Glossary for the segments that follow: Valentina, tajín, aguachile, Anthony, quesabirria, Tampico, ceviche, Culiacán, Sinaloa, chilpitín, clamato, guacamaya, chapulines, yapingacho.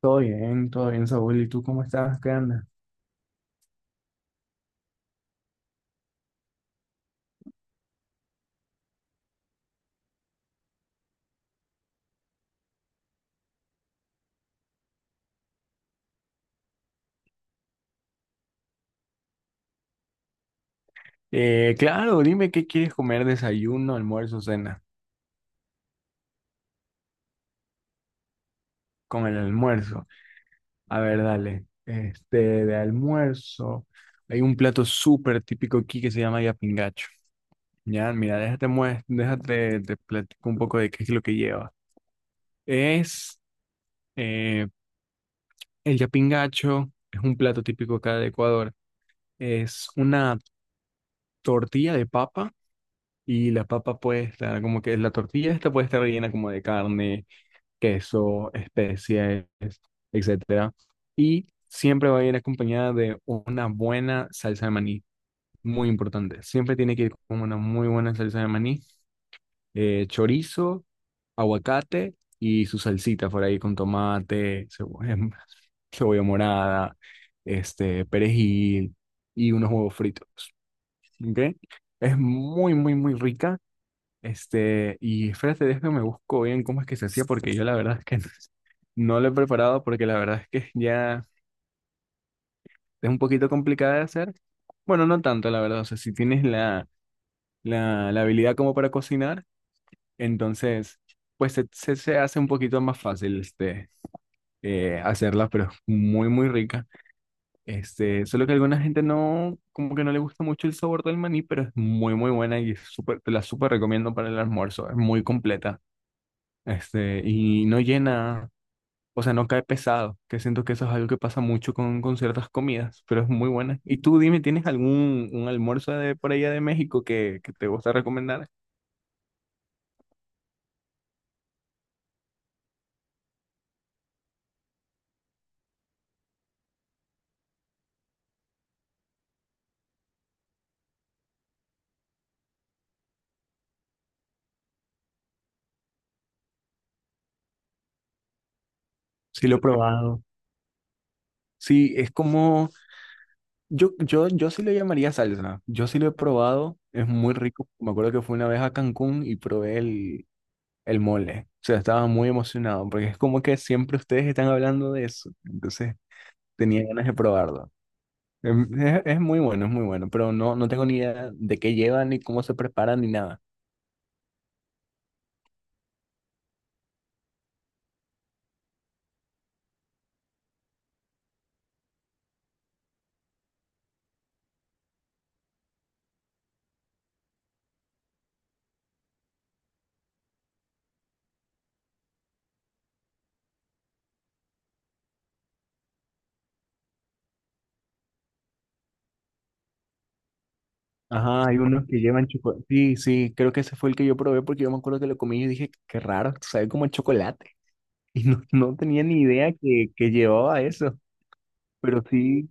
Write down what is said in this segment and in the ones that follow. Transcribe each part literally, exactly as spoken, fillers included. Todo bien, todo bien, Saúl. ¿Y tú cómo estás? ¿Qué andas? Eh, claro, dime qué quieres comer, desayuno, almuerzo, cena. Con el almuerzo. A ver, dale. Este, de almuerzo, hay un plato súper típico aquí que se llama yapingacho. Ya, mira, déjate, muest- déjate, te platico un poco de qué es lo que lleva. Es eh, el yapingacho es un plato típico acá de Ecuador. Es una tortilla de papa. Y la papa puede estar como que la tortilla esta puede estar rellena como de carne, queso, especies, etcétera. Y siempre va a ir acompañada de una buena salsa de maní, muy importante. Siempre tiene que ir con una muy buena salsa de maní, eh, chorizo, aguacate y su salsita por ahí con tomate, cebolla, cebolla morada, este, perejil y unos huevos fritos. ¿Ok? Es muy, muy, muy rica, este, y espérate, déjame busco bien cómo es que se hacía, porque yo la verdad es que no, no lo he preparado, porque la verdad es que ya es un poquito complicada de hacer. Bueno, no tanto, la verdad. O sea, si tienes la, la, la habilidad como para cocinar, entonces, pues se, se, se hace un poquito más fácil este, eh, hacerla, pero es muy, muy rica. Este, solo que a alguna gente no, como que no le gusta mucho el sabor del maní, pero es muy, muy buena y es súper, te la súper recomiendo para el almuerzo. Es muy completa, este, y no llena, o sea, no cae pesado, que siento que eso es algo que pasa mucho con, con ciertas comidas, pero es muy buena. Y tú dime, ¿tienes algún un almuerzo de por allá de México que, que te gusta recomendar? Sí, lo he probado. Sí, es como, yo, yo, yo sí le llamaría salsa, yo sí lo he probado, es muy rico. Me acuerdo que fui una vez a Cancún y probé el, el mole, o sea, estaba muy emocionado, porque es como que siempre ustedes están hablando de eso, entonces tenía ganas de probarlo. Em, Es, es muy bueno, es muy bueno, pero no, no tengo ni idea de qué llevan, ni cómo se preparan, ni nada. Ajá, hay unos que llevan chocolate. Sí, sí, creo que ese fue el que yo probé porque yo me acuerdo que lo comí y dije, qué raro, sabe como el chocolate. Y no, no tenía ni idea que, que llevaba eso, pero sí,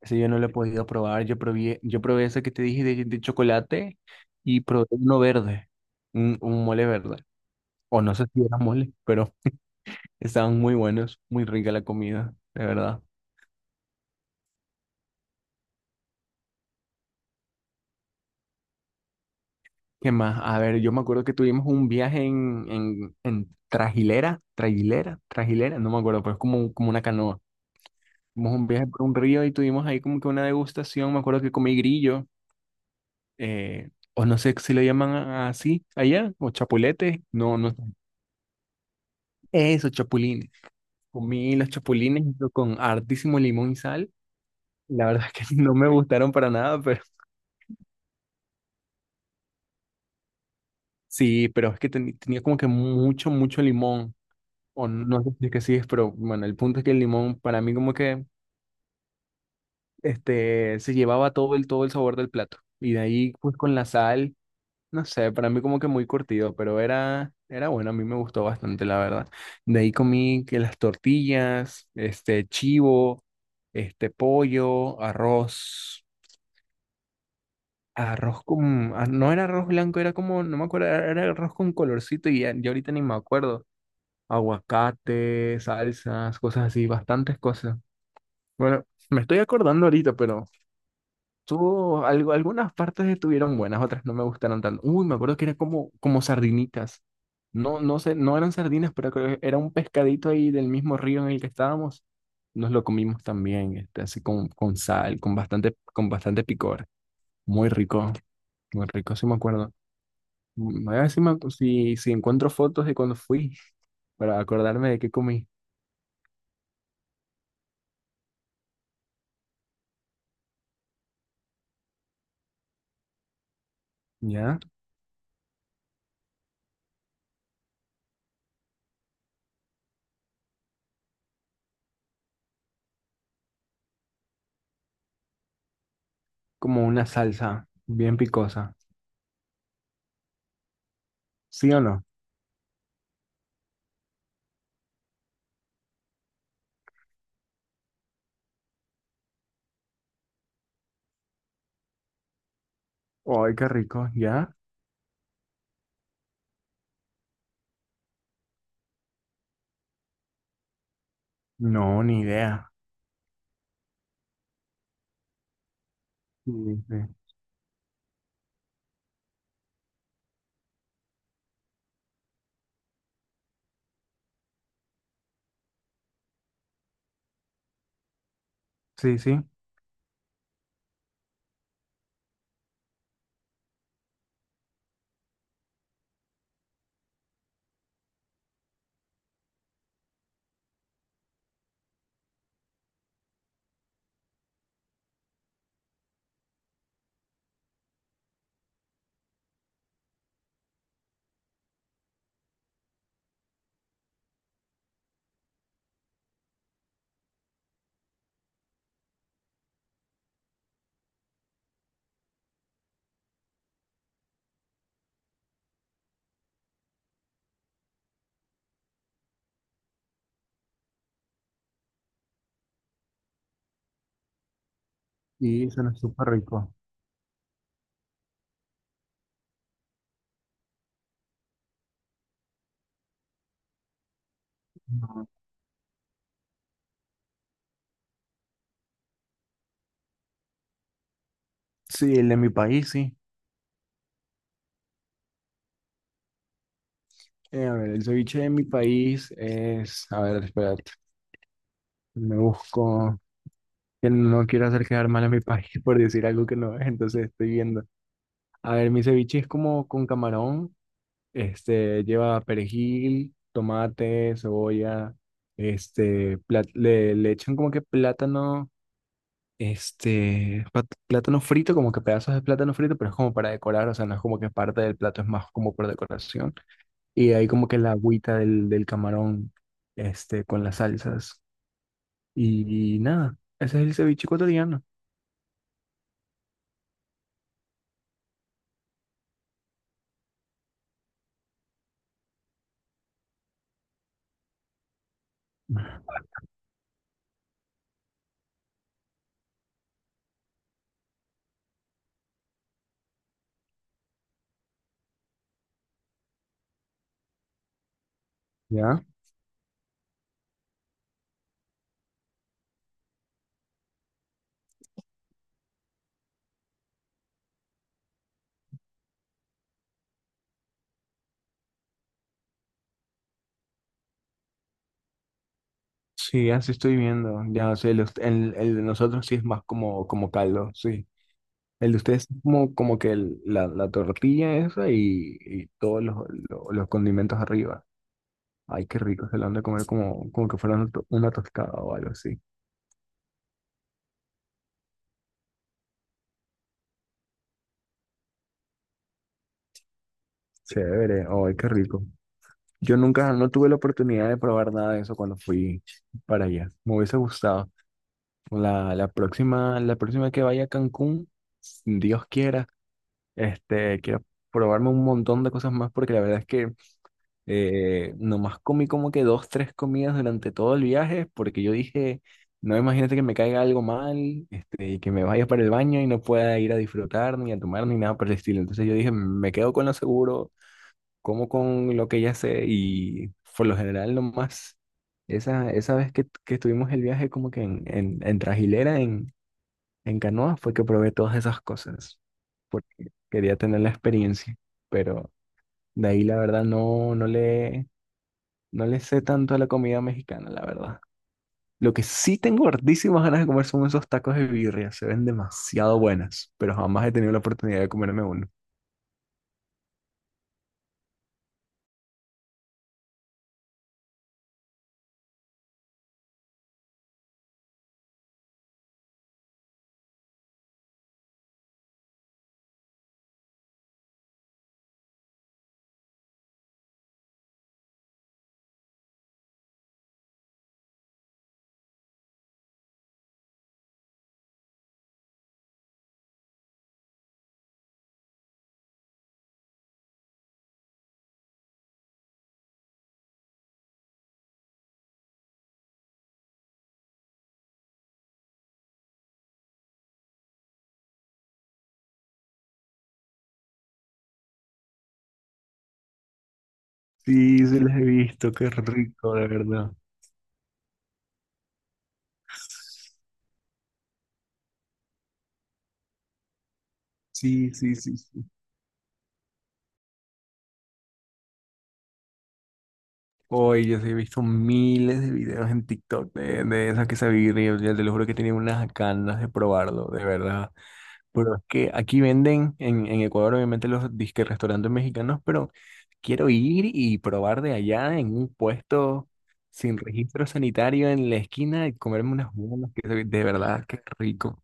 ese yo no lo he podido probar. Yo probé, yo probé ese que te dije de, de chocolate y probé uno verde, un, un mole verde. O no sé si era mole, pero estaban muy buenos, muy rica la comida, de verdad. ¿Qué más? A ver, yo me acuerdo que tuvimos un viaje en, en, en trajilera, trajilera, trajilera, no me acuerdo, pero es como, un- como una canoa. Tuvimos un viaje por un río y tuvimos ahí como que una degustación. Me acuerdo que comí grillo, eh, o no sé si le llaman a- así allá, o chapuletes, no, no, eso, chapulines. Comí los chapulines junto con hartísimo limón y sal. La verdad es que no me gustaron para nada, pero sí, pero es que ten- tenía como que mucho, mucho limón. O no sé si es que sí es, pero bueno, el punto es que el limón para mí como que este, se llevaba todo el, todo el sabor del plato. Y de ahí pues con la sal, no sé, para mí como que muy curtido, pero era, era bueno, a mí me gustó bastante, la verdad. De ahí comí que las tortillas, este chivo, este pollo, arroz, arroz con, ah, no era arroz blanco, era como, no me acuerdo, era, era arroz con colorcito y ya, ya ahorita ni me acuerdo. Aguacate, salsas, cosas así, bastantes cosas. Bueno, me estoy acordando ahorita, pero tuvo algo, algunas partes estuvieron buenas, otras no me gustaron tanto. Uy, me acuerdo que era como, como sardinitas. No, no sé, no eran sardinas, pero creo que era un pescadito ahí del mismo río en el que estábamos. Nos lo comimos también, este, así con, con sal, con bastante, con bastante picor. Muy rico, muy rico, sí me acuerdo. Mm, a ver si, me acu- si, si encuentro fotos de cuando fui para acordarme de qué comí. ¿Ya? Como una salsa bien picosa. ¿Sí o no? Ay, qué rico, ¿ya? No, ni idea. Sí, sí, sí, sí, y suena súper rico. No. Sí, el de mi país, sí. Eh, a ver, el ceviche de mi país es, a ver, espérate, me busco, que no quiero hacer quedar mal a mi país por decir algo que no es, entonces estoy viendo. A ver, mi ceviche es como con camarón, este, lleva perejil, tomate, cebolla, este, plat- le, le echan como que plátano. Este, pat- plátano frito, como que pedazos de plátano frito, pero es como para decorar, o sea, no es como que parte del plato, es más como por decoración. Y ahí como que la agüita del, del camarón, este, con las salsas. Y, nada, ese es el ceviche ecuatoriano. ¿Ya? Sí, así estoy viendo. Ya, o sea, el, ust- el- el de nosotros sí es más como, como caldo, sí. El de ustedes es como, como que el- la, la tortilla esa y, y todos los, los, los condimentos arriba. Ay, qué rico, se lo han de comer como, como que fuera una, to- una tostada o algo así. Chévere, ay, qué rico. Yo nunca, no tuve la oportunidad de probar nada de eso cuando fui para allá. Me hubiese gustado. La, la próxima, la próxima que vaya a Cancún, si Dios quiera, este, quiero probarme un montón de cosas más porque la verdad es que eh, nomás comí como que dos, tres comidas durante todo el viaje porque yo dije, no imagínate que me caiga algo mal, este, y que me vaya para el baño y no pueda ir a disfrutar ni a tomar ni nada por el estilo. Entonces yo dije, me quedo con lo seguro, como con lo que ya sé y por lo general nomás esa, esa vez que, que estuvimos el viaje como que en, en, en Trajilera, en, en canoa, fue que probé todas esas cosas porque quería tener la experiencia, pero de ahí la verdad no, no le... No le sé tanto a la comida mexicana, la verdad. Lo que sí tengo hartísimas ganas de comer son esos tacos de birria. Se ven demasiado buenas, pero jamás he tenido la oportunidad de comerme uno. Sí, sí los he visto, qué rico, de verdad. Sí, sí, sí, sí. Hoy yo sí he visto miles de videos en TikTok de, de esa quesabirria. Yo te lo juro que tenía unas ganas de probarlo, de verdad. Pero es que aquí venden, en, en Ecuador obviamente los disque restaurantes mexicanos, pero quiero ir y probar de allá en un puesto sin registro sanitario en la esquina y comerme unas buenas, que de de verdad, qué rico.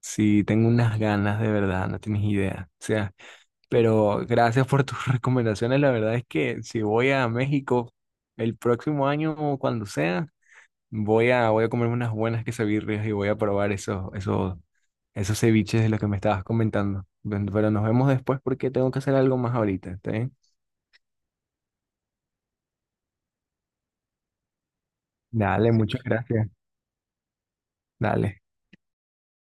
Sí, tengo unas ganas de verdad, no tienes idea. O sea, pero gracias por tus recomendaciones. La verdad es que si voy a México el próximo año o cuando sea, voy a, voy a comerme unas buenas quesadillas y voy a probar esos, esos esos ceviches de los que me estabas comentando. Bueno, pero nos vemos después porque tengo que hacer algo más ahorita, ¿está bien? Dale, muchas gracias. Dale.